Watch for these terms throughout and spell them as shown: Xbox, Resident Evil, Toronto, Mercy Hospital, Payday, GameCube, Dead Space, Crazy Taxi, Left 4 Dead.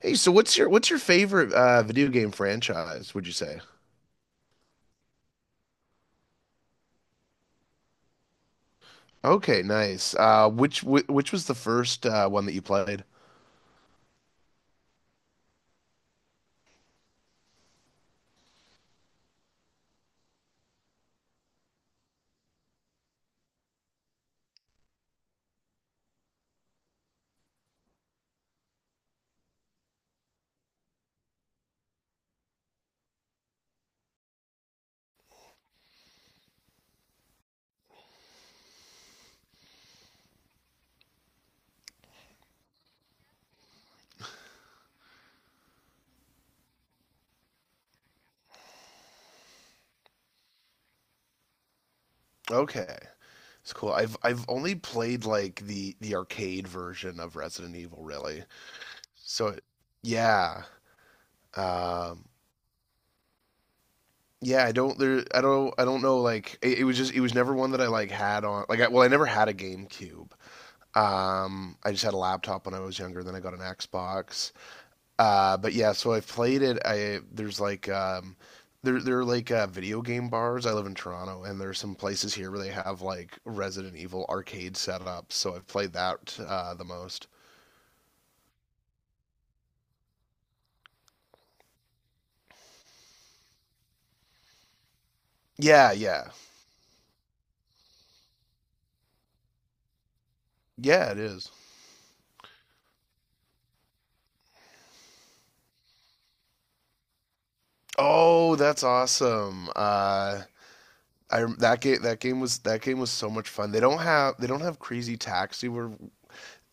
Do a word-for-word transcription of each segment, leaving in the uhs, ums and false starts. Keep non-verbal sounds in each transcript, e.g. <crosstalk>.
Hey, so what's your what's your favorite uh, video game franchise, would you say? Okay, nice. Uh, which wh which was the first uh, one that you played? Okay. It's cool. I've I've only played like the the arcade version of Resident Evil really. So it- yeah. Um yeah, I don't there I don't I don't know like it, it was just it was never one that I like had on like I, well I never had a GameCube. Um I just had a laptop when I was younger, then I got an Xbox. Uh, but yeah, so I've played it. I There's like um, there there are like uh, video game bars. I live in Toronto, and there's some places here where they have like Resident Evil arcade setups. So I've played that uh, the most. Yeah, yeah, yeah. It is. Oh, that's awesome. Uh, I that game that game was that game was so much fun. They don't have they don't have Crazy Taxi where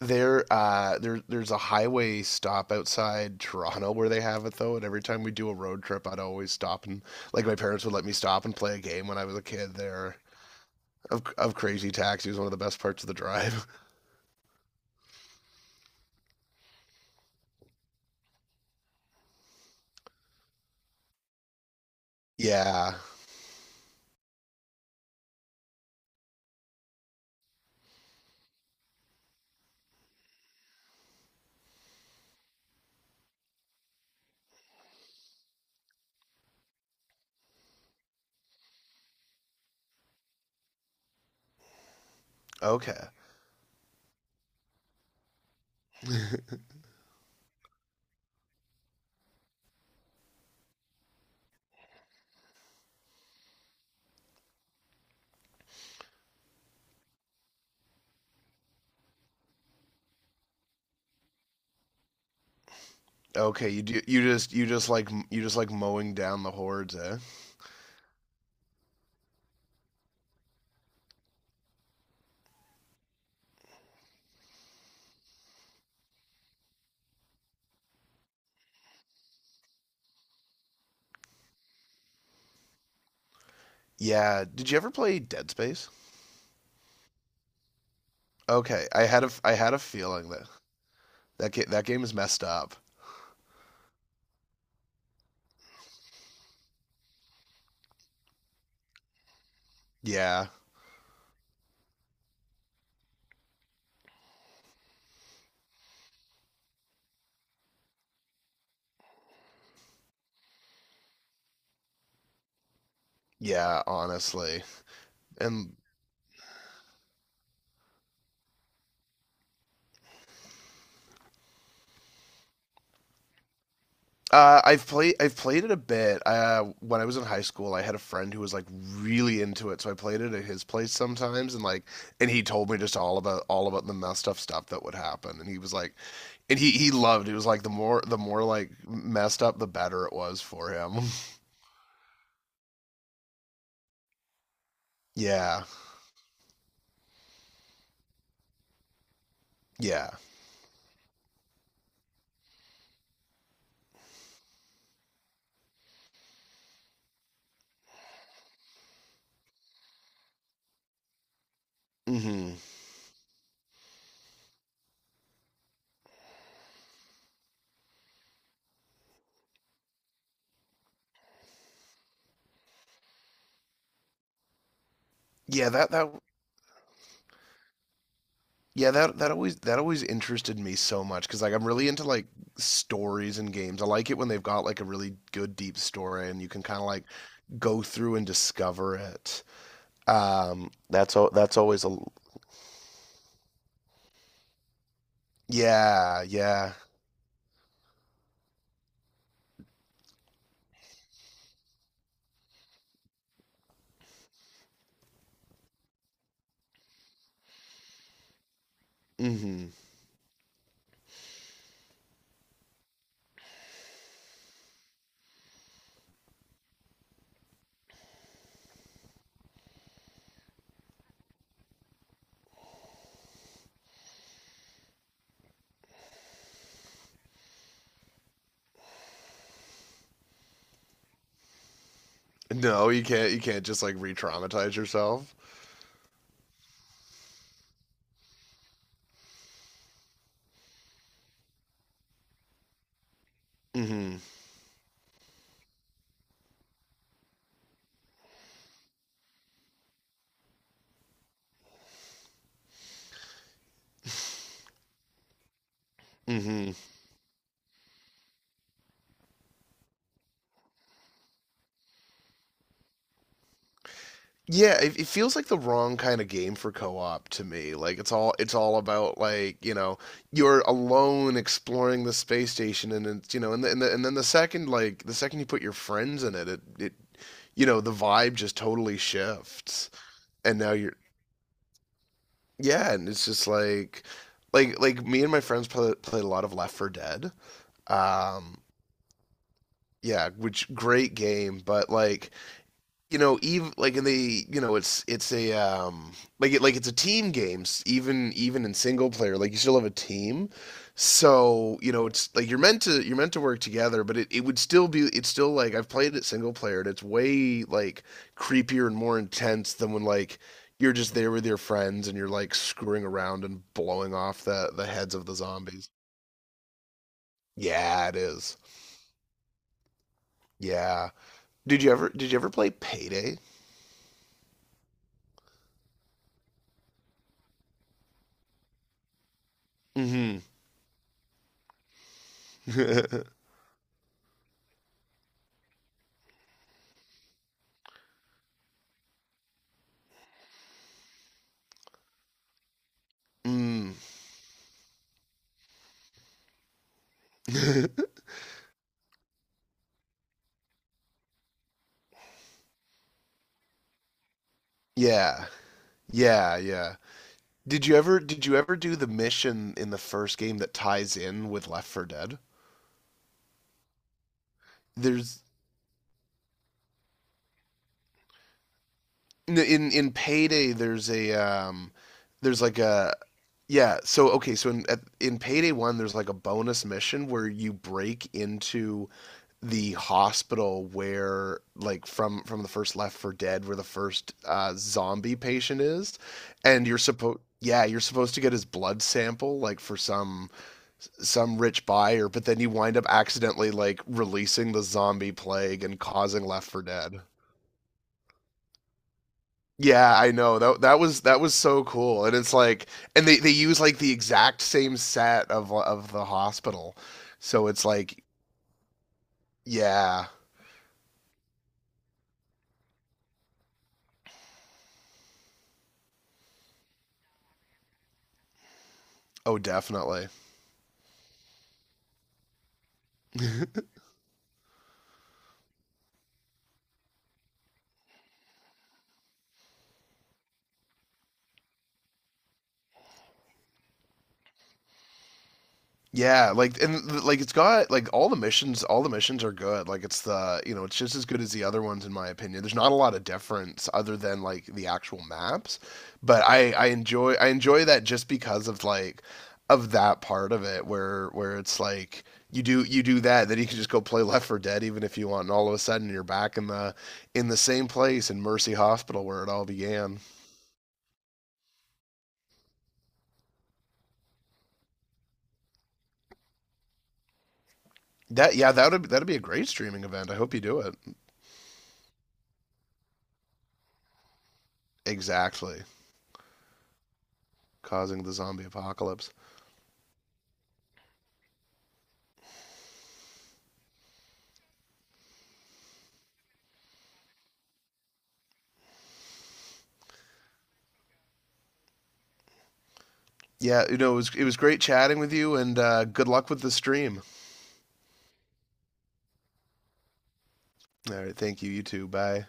there uh there there's a highway stop outside Toronto where they have it though, and every time we do a road trip I'd always stop and like my parents would let me stop and play a game when I was a kid there of of Crazy Taxi was one of the best parts of the drive. <laughs> Yeah. Okay. Okay, you do, you just you just like you just like mowing down the hordes, eh? Yeah. Did you ever play Dead Space? Okay, I had a I had a feeling that that ga- that game is messed up. Yeah. Yeah, honestly. And Uh, I've played I've played it a bit. Uh, when I was in high school, I had a friend who was like really into it, so I played it at his place sometimes, and like, and he told me just all about all about the messed up stuff that would happen, and he was like, and he he loved it. It was like the more the more like messed up, the better it was for him. <laughs> Yeah, yeah, hmm, yeah. That that Yeah, that that always that always interested me so much because like I'm really into like stories and games. I like it when they've got like a really good deep story and you can kind of like go through and discover it. Um, that's al- that's always a yeah, yeah. Hmm. No, you can't you can't just like re-traumatize yourself. Hmm. Hmm. Yeah, it, it feels like the wrong kind of game for co-op to me. Like it's all it's all about like, you know, you're alone exploring the space station, and it's, you know, and the, and the, and then the second, like the second you put your friends in it, it it you know, the vibe just totally shifts. And now you're yeah, and it's just like like like me and my friends play, played a lot of Left four Dead. Um yeah, which great game, but like, you know, even like in the you know, it's it's a um like it like it's a team games, even even in single player, like you still have a team. So, you know, it's like you're meant to you're meant to work together, but it, it would still be, it's still like, I've played it single player and it's way like creepier and more intense than when like you're just there with your friends and you're like screwing around and blowing off the the heads of the zombies. Yeah, it is. Yeah. Did you ever did you ever play Payday? Mm-hmm. <laughs> Mm. <laughs> Yeah. Yeah, yeah. Did you ever did you ever do the mission in the first game that ties in with Left four Dead? There's in in in Payday there's a um there's like a, yeah, so okay, so in at, in Payday one there's like a bonus mission where you break into the hospital where like from from the first Left four Dead where the first uh zombie patient is, and you're supposed yeah, you're supposed to get his blood sample like for some some rich buyer, but then you wind up accidentally like releasing the zombie plague and causing Left for Dead. Yeah, I know. That that was that was so cool. And it's like, and they they use like the exact same set of of the hospital. So it's like yeah. Oh, definitely. Yeah, like, and like it's got like all the missions, all the missions are good. Like it's the, you know, it's just as good as the other ones in my opinion. There's not a lot of difference other than like the actual maps, but I I enjoy I enjoy that just because of like of that part of it where where it's like you do you do that, then you can just go play Left four Dead even if you want, and all of a sudden you're back in the in the same place in Mercy Hospital where it all began. That Yeah, that would, that'd be a great streaming event. I hope you do it. Exactly. Causing the zombie apocalypse. Yeah, you know, it was, it was great chatting with you, and uh, good luck with the stream. All right, thank you. You too. Bye.